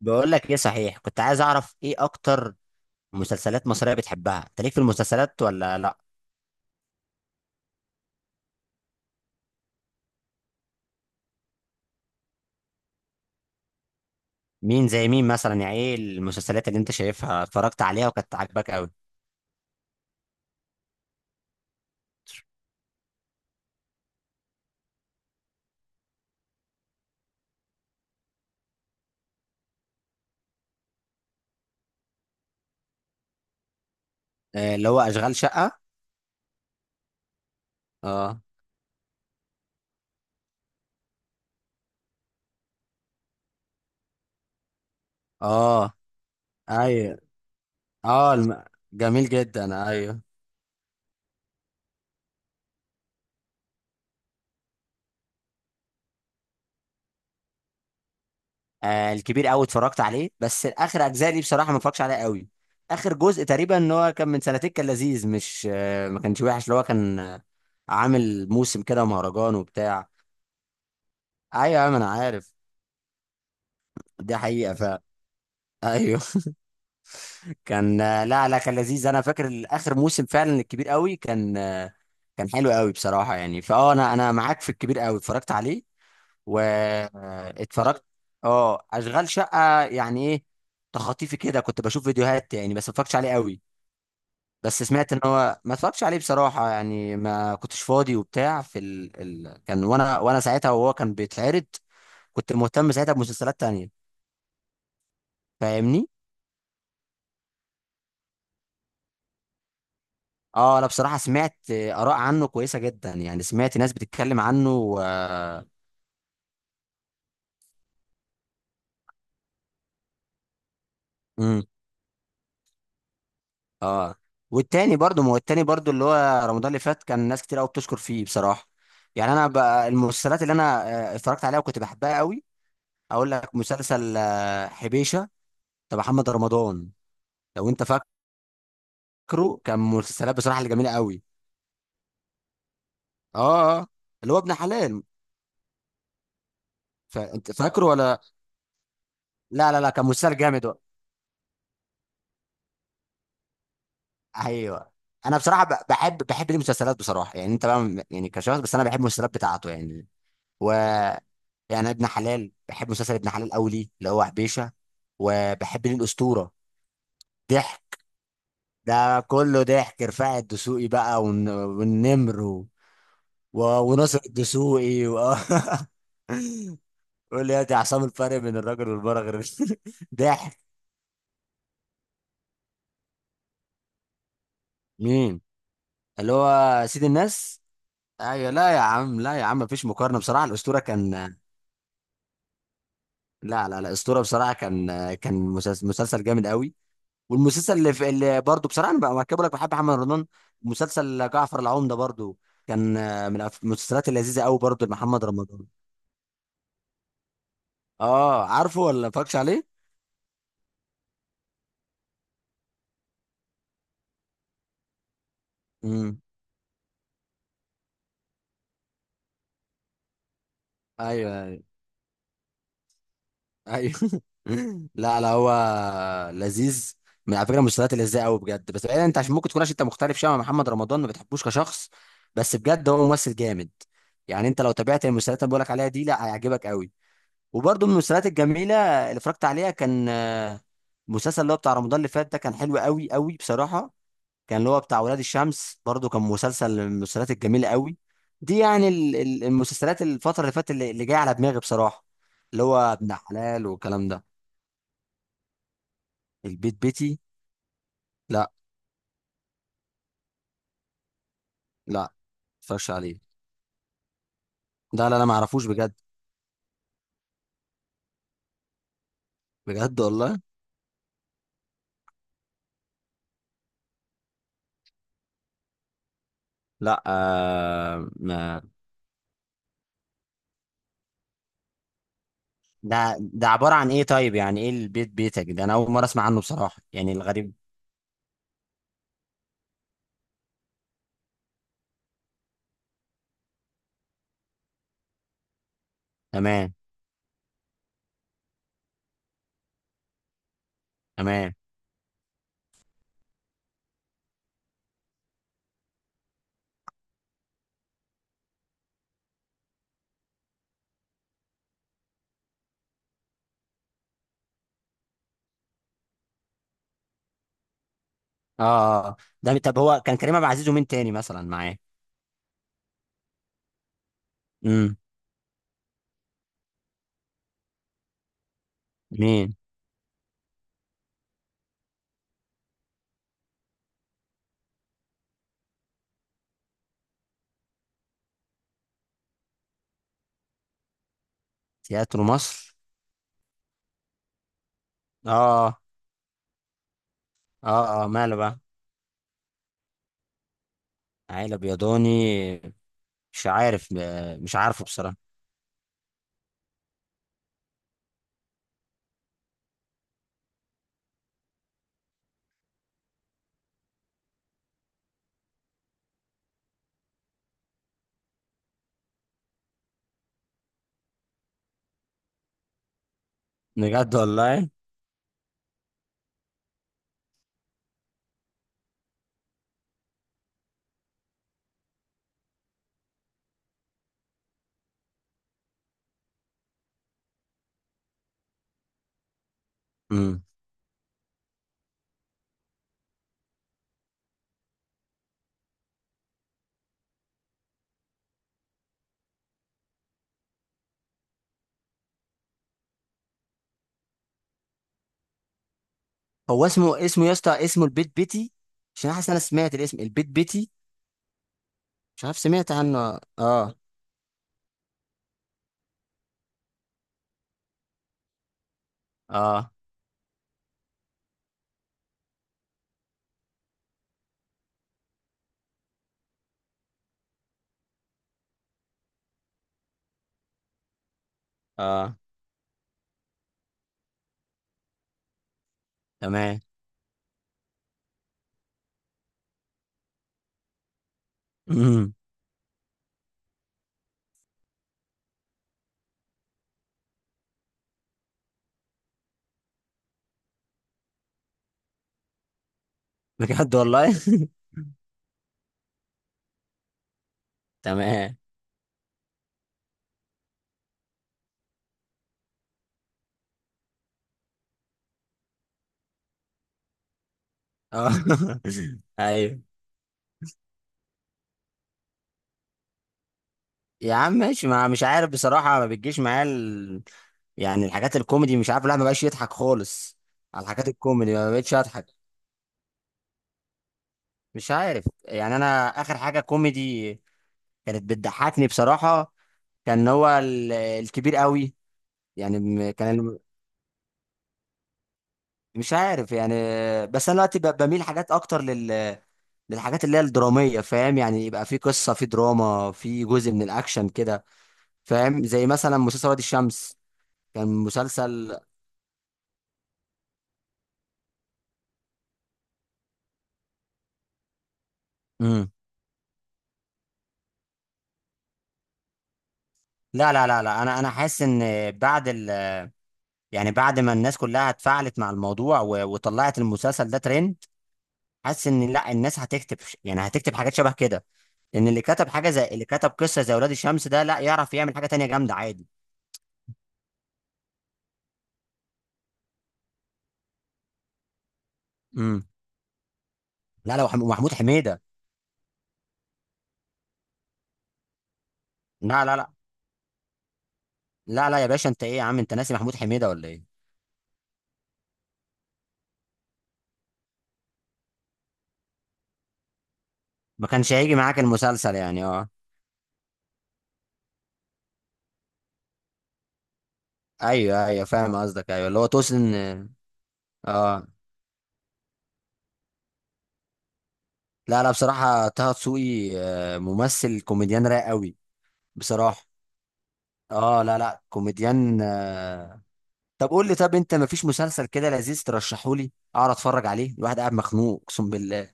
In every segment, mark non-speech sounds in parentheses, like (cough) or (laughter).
بقول لك ايه؟ صحيح، كنت عايز اعرف ايه اكتر مسلسلات مصرية بتحبها؟ انت ليك في المسلسلات ولا لا؟ مين زي مين مثلا؟ يعني ايه المسلسلات اللي انت شايفها اتفرجت عليها وكانت عاجباك قوي؟ آه، اللي هو اشغال شقة. اه. اه. ايوه. اه. جميل جدا، ايوه. آه، الكبير قوي اتفرجت عليه، بس اخر اجزاء دي بصراحة ما اتفرجش عليها قوي. اخر جزء تقريبا ان هو كان من سنتين، كان لذيذ، مش ما كانش وحش، اللي هو كان عامل موسم كده، مهرجان وبتاع. ايوه يا عم، انا عارف. دي حقيقة فعلا. ايوه. (laughs) كان. لا لا، كان لذيذ. انا فاكر اخر موسم فعلا الكبير قوي كان، كان حلو قوي بصراحه. يعني فاه، انا معاك في الكبير قوي اتفرجت عليه واتفرجت. اه. اشغال شقه؟ يعني ايه، تخطيفي كده كنت بشوف فيديوهات يعني، بس ما اتفرجتش عليه قوي. بس سمعت ان هو ما اتفرجتش عليه بصراحه، يعني ما كنتش فاضي وبتاع في كان، وانا ساعتها وهو كان بيتعرض. كنت مهتم ساعتها بمسلسلات تانية. فاهمني؟ اه، انا بصراحه سمعت اراء عنه كويسه جدا، يعني سمعت ناس بتتكلم عنه امم. اه. والتاني برضو، ما هو التاني برضو اللي هو رمضان اللي فات كان ناس كتير قوي بتشكر فيه بصراحه. يعني انا بقى، المسلسلات اللي انا اتفرجت عليها وكنت بحبها قوي، اقول لك مسلسل حبيشه بتاع محمد رمضان. لو انت فاكره، كان مسلسلات بصراحه اللي جميله قوي. اه. اللي هو ابن حلال. فانت فاكره ولا؟ لا لا لا، كان مسلسل جامد. ايوه. انا بصراحه بحب ليه مسلسلات، بصراحه يعني انت بقى يعني كشخص، بس انا بحب المسلسلات بتاعته يعني. و يعني ابن حلال، بحب مسلسل ابن حلال قوي ليه، اللي هو حبيشه. وبحب ليه الاسطوره. ضحك. ده كله ضحك. رفاعي الدسوقي بقى والنمر و... وناصر الدسوقي (laughs) قول لي يا دي عصام: الفرق بين الراجل والمرأة غير. (laughs) ضحك. مين؟ اللي هو سيد الناس. ايوه، لا يا عم، لا يا عم، مفيش مقارنه بصراحه، الاسطوره كان. لا لا لا، اسطوره بصراحه كان، كان مسلسل جامد قوي. والمسلسل اللي برضه بصراحه انا بقى مركبه لك بحب محمد رمضان، مسلسل جعفر العمده برضه، كان من المسلسلات اللذيذه قوي برضه لمحمد رمضان. اه، عارفه ولا فاكش عليه؟ امم. ايوه، ايوه. ايوه. (laughs) لا لا، هو لذيذ. من على فكره، المسلسلات اللذيذه قوي بجد، بس بعيدا، انت عشان ممكن تكون، عشان انت مختلف شويه مع محمد رمضان ما بتحبوش كشخص، بس بجد هو ممثل جامد. يعني انت لو تابعت المسلسلات اللي بقولك عليها دي، لا هيعجبك قوي. وبرضه من المسلسلات الجميله اللي اتفرجت عليها كان مسلسل اللي هو بتاع رمضان اللي فات ده، كان حلو قوي قوي بصراحه. كان اللي هو بتاع ولاد الشمس برضه، كان مسلسل من المسلسلات الجميله قوي. دي يعني المسلسلات الفتره اللي فاتت اللي جايه على دماغي بصراحه، اللي هو ابن حلال والكلام ده. البيت بيتي؟ لا لا، ما اتفرجش عليه. لا لا لا، ما اعرفوش بجد. بجد والله. لا، ما ده عباره عن ايه؟ طيب يعني ايه البيت بيتك ده؟ انا اول مره اسمع عنه بصراحه يعني، الغريب. تمام تمام. اه. ده طب، هو كان كريم عبد العزيز ومين تاني مثلا معاه؟ امم. مين؟ تياترو مصر؟ اه، اه، اه، ماله بقى؟ عيلة بيضاني؟ مش عارف مش عارفه بصراحة. بجد والله؟ امم. هو اسمه يا اسطى، اسمه البيت بيتي؟ عشان حاسس إن انا سمعت الاسم البيت بيتي. مش عارف، سمعت عنه. اه، اه، اه، تمام. امم. بجد والله. (laughs) تمام. اه. (laughs) ايوه يا عم ماشي، ما مش عارف بصراحة، ما بتجيش معايا يعني الحاجات الكوميدي مش عارف، لا، ما بقاش يضحك خالص. على الحاجات الكوميدي ما بقتش اضحك. مش عارف يعني، انا اخر حاجة كوميدي كانت بتضحكني بصراحة، كان هو الكبير قوي. يعني كان مش عارف يعني. بس انا دلوقتي بميل حاجات اكتر للحاجات اللي هي الدرامية. فاهم يعني؟ يبقى في قصة، في دراما، في جزء من الاكشن كده. فاهم؟ زي مثلا مسلسل وادي الشمس، كان مسلسل. لا لا لا لا، انا حاسس ان بعد يعني بعد ما الناس كلها اتفاعلت مع الموضوع وطلعت المسلسل ده ترند، حاسس ان لا، الناس هتكتب يعني هتكتب حاجات شبه كده، ان اللي كتب حاجه زي اللي كتب قصه زي ولاد الشمس ده، لا يعرف يعمل حاجه تانية جامده عادي. امم. لا لا، ومحمود حميده. لا لا لا لا، لا يا باشا، انت ايه يا عم؟ انت ناسي محمود حميده ولا ايه؟ ما كانش هيجي معاك المسلسل يعني؟ اه. ايوه ايوه، فاهم قصدك. ايوه، اللي هو توسن. اه. لا لا، بصراحه طه دسوقي ممثل كوميديان رايق قوي. بصراحه. اه. لا لا، كوميديان. طب قول لي، طب انت مفيش مسلسل كده لذيذ ترشحه لي اقعد اتفرج عليه؟ الواحد قاعد مخنوق اقسم بالله.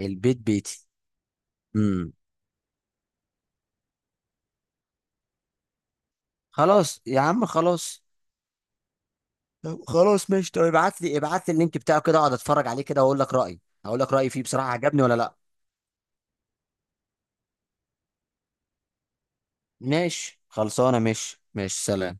البيت بيتي؟ امم. خلاص يا عم، خلاص. طب خلاص ماشي، طب ابعت لي ابعت لي اللينك بتاعه كده، اقعد اتفرج عليه كده واقول لك رايي. هقول لك رايي فيه بصراحه، عجبني ولا لا. ماشي خلصانه، ماشي، ماشي، سلام.